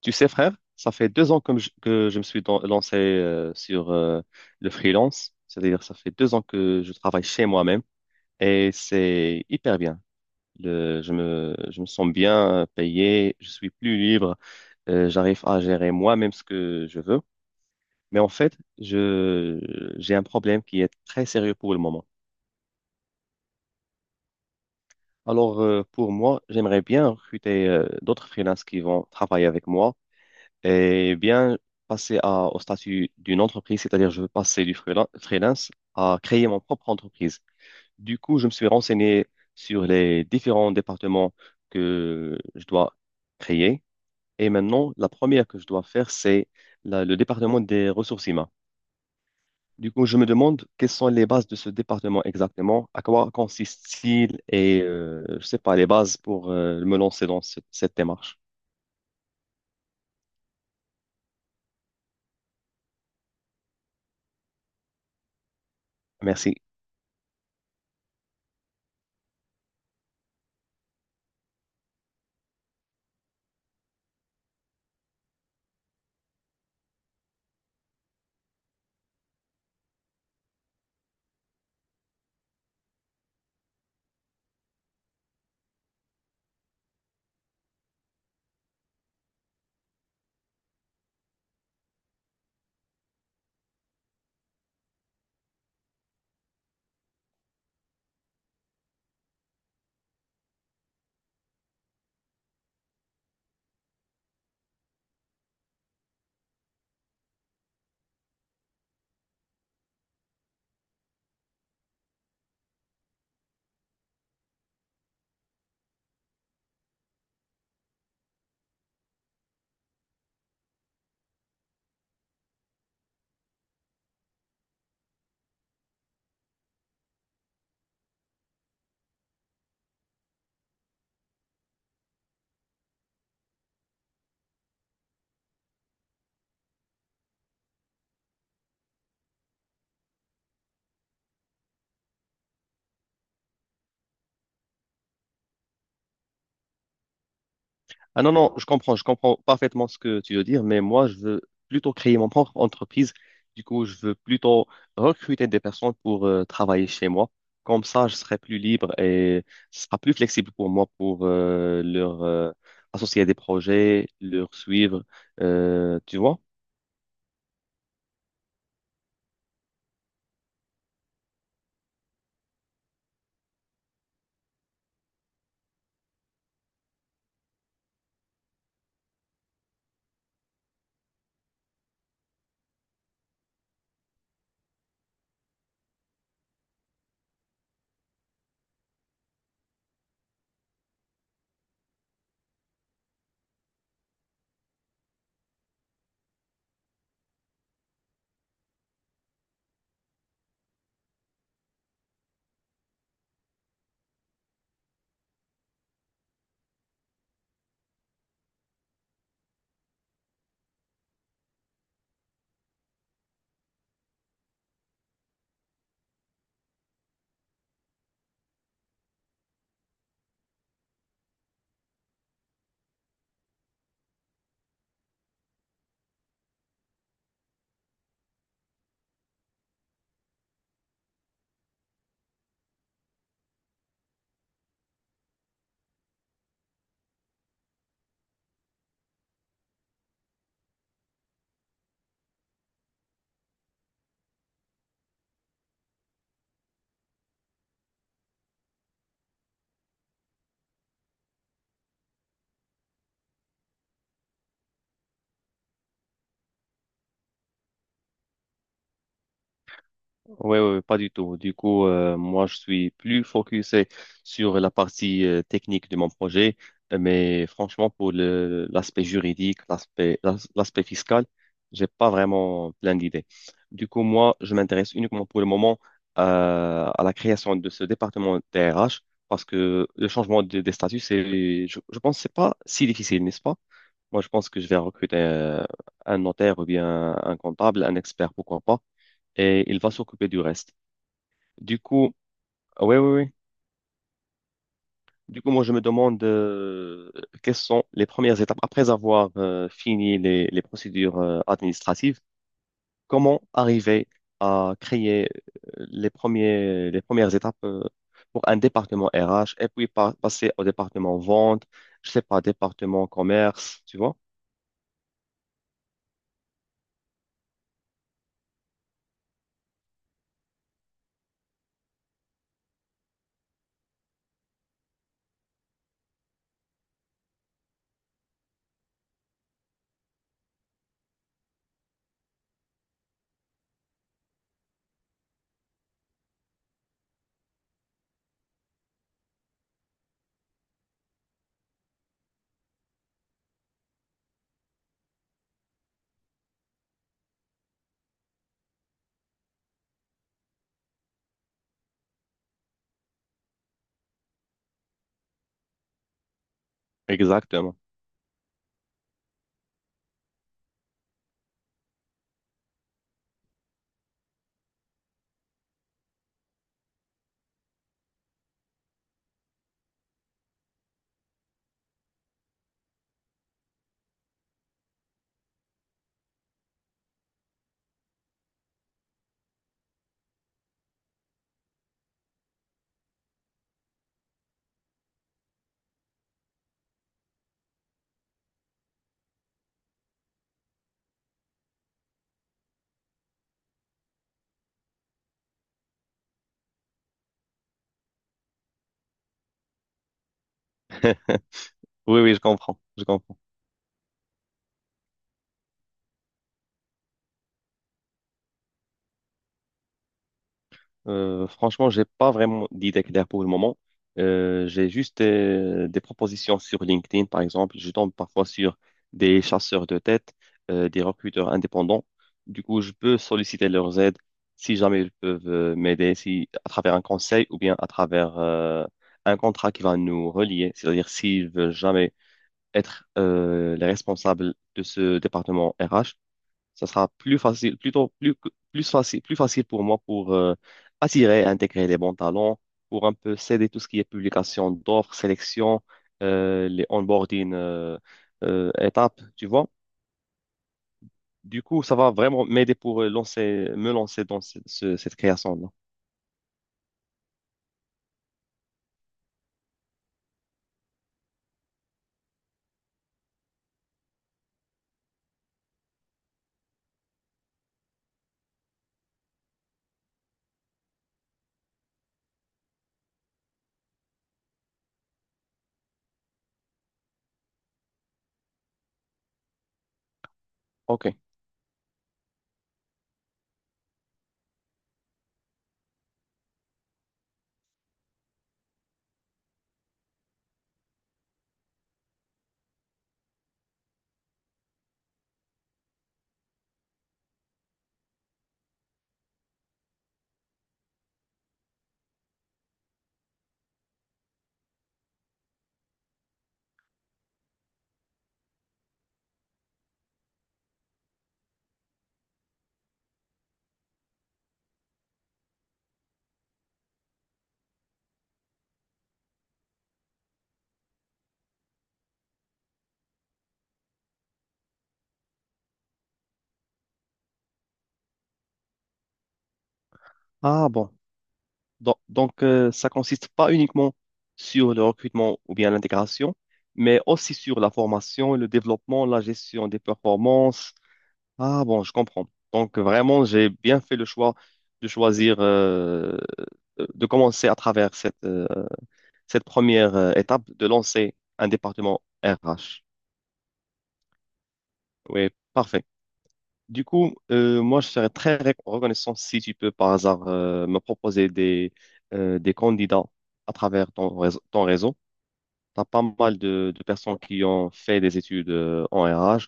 Tu sais, frère, ça fait deux ans que je lancé sur le freelance. C'est-à-dire, ça fait deux ans que je travaille chez moi-même et c'est hyper bien. Je me sens bien payé, je suis plus libre, j'arrive à gérer moi-même ce que je veux. Mais en fait, j'ai un problème qui est très sérieux pour le moment. Alors, pour moi, j'aimerais bien recruter d'autres freelances qui vont travailler avec moi et bien passer au statut d'une entreprise, c'est-à-dire je veux passer freelance à créer mon propre entreprise. Du coup, je me suis renseigné sur les différents départements que je dois créer. Et maintenant, la première que je dois faire, c'est le département des ressources humaines. Du coup, je me demande quelles sont les bases de ce département exactement, à quoi consiste-t-il et, je sais pas, les bases pour me lancer dans cette démarche. Merci. Ah non, non, je comprends parfaitement ce que tu veux dire, mais moi, je veux plutôt créer mon propre entreprise. Du coup, je veux plutôt recruter des personnes pour travailler chez moi. Comme ça, je serai plus libre et ce sera plus flexible pour moi pour leur associer à des projets, leur suivre, tu vois? Oui, oui, pas du tout. Du coup, moi, je suis plus focusé sur la partie technique de mon projet. Mais franchement, pour l'aspect juridique, l'aspect fiscal, j'ai pas vraiment plein d'idées. Du coup, moi, je m'intéresse uniquement pour le moment à la création de ce département TRH parce que le changement des statuts, je pense, que c'est pas si difficile, n'est-ce pas? Moi, je pense que je vais recruter un notaire ou bien un comptable, un expert, pourquoi pas, et il va s'occuper du reste. Du coup, ah oui, oui, oui. Du coup, moi, je me demande quelles sont les premières étapes après avoir fini les procédures administratives. Comment arriver à créer les premières étapes pour un département RH et puis passer au département vente, je sais pas, département commerce, tu vois? Exactement. Oui, oui, je comprends, je comprends. Franchement, j'ai pas vraiment d'idée claire pour le moment. J'ai juste des propositions sur LinkedIn, par exemple. Je tombe parfois sur des chasseurs de tête, des recruteurs indépendants. Du coup, je peux solliciter leurs aides si jamais ils peuvent m'aider, si à travers un conseil ou bien à travers un contrat qui va nous relier. C'est-à-dire s'ils veulent jamais être les responsables de ce département RH, ça sera plus facile, plus facile pour moi pour attirer et intégrer les bons talents, pour un peu céder tout ce qui est publication d'offres, sélection, les onboarding étapes, tu vois. Du coup, ça va vraiment m'aider pour me lancer dans cette création-là. OK. Ah bon. Donc, ça consiste pas uniquement sur le recrutement ou bien l'intégration, mais aussi sur la formation, le développement, la gestion des performances. Ah bon, je comprends. Donc vraiment, j'ai bien fait le choix de choisir, de commencer à travers cette première étape, de lancer un département RH. Oui, parfait. Du coup, moi, je serais très reconnaissant si tu peux par hasard me proposer des candidats à travers ton réseau. Ton réseau. Tu as pas mal de personnes qui ont fait des études en RH.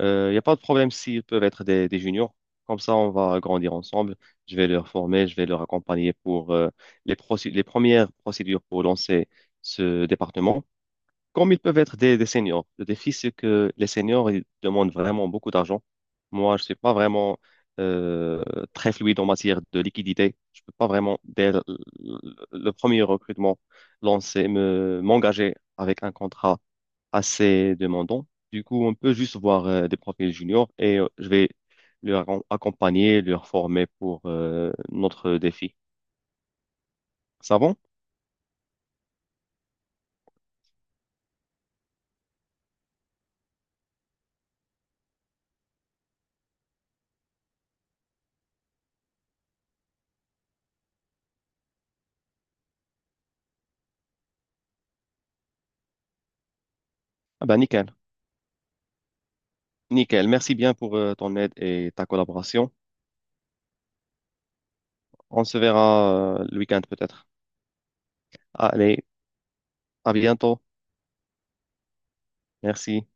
Il n'y a pas de problème s'ils peuvent être des juniors. Comme ça, on va grandir ensemble. Je vais leur former, je vais leur accompagner pour les premières procédures pour lancer ce département. Comme ils peuvent être des seniors. Le défi, c'est que les seniors, ils demandent vraiment beaucoup d'argent. Moi, je ne suis pas vraiment euh, très fluide en matière de liquidité. Je ne peux pas vraiment, le- premier recrutement, m'engager avec un contrat assez demandant. Du coup, on peut juste voir des profils juniors et je vais accompagner, leur former pour notre défi. Ça va? Ah ben, nickel. Nickel. Merci bien pour ton aide et ta collaboration. On se verra le week-end peut-être. Allez, à bientôt. Merci.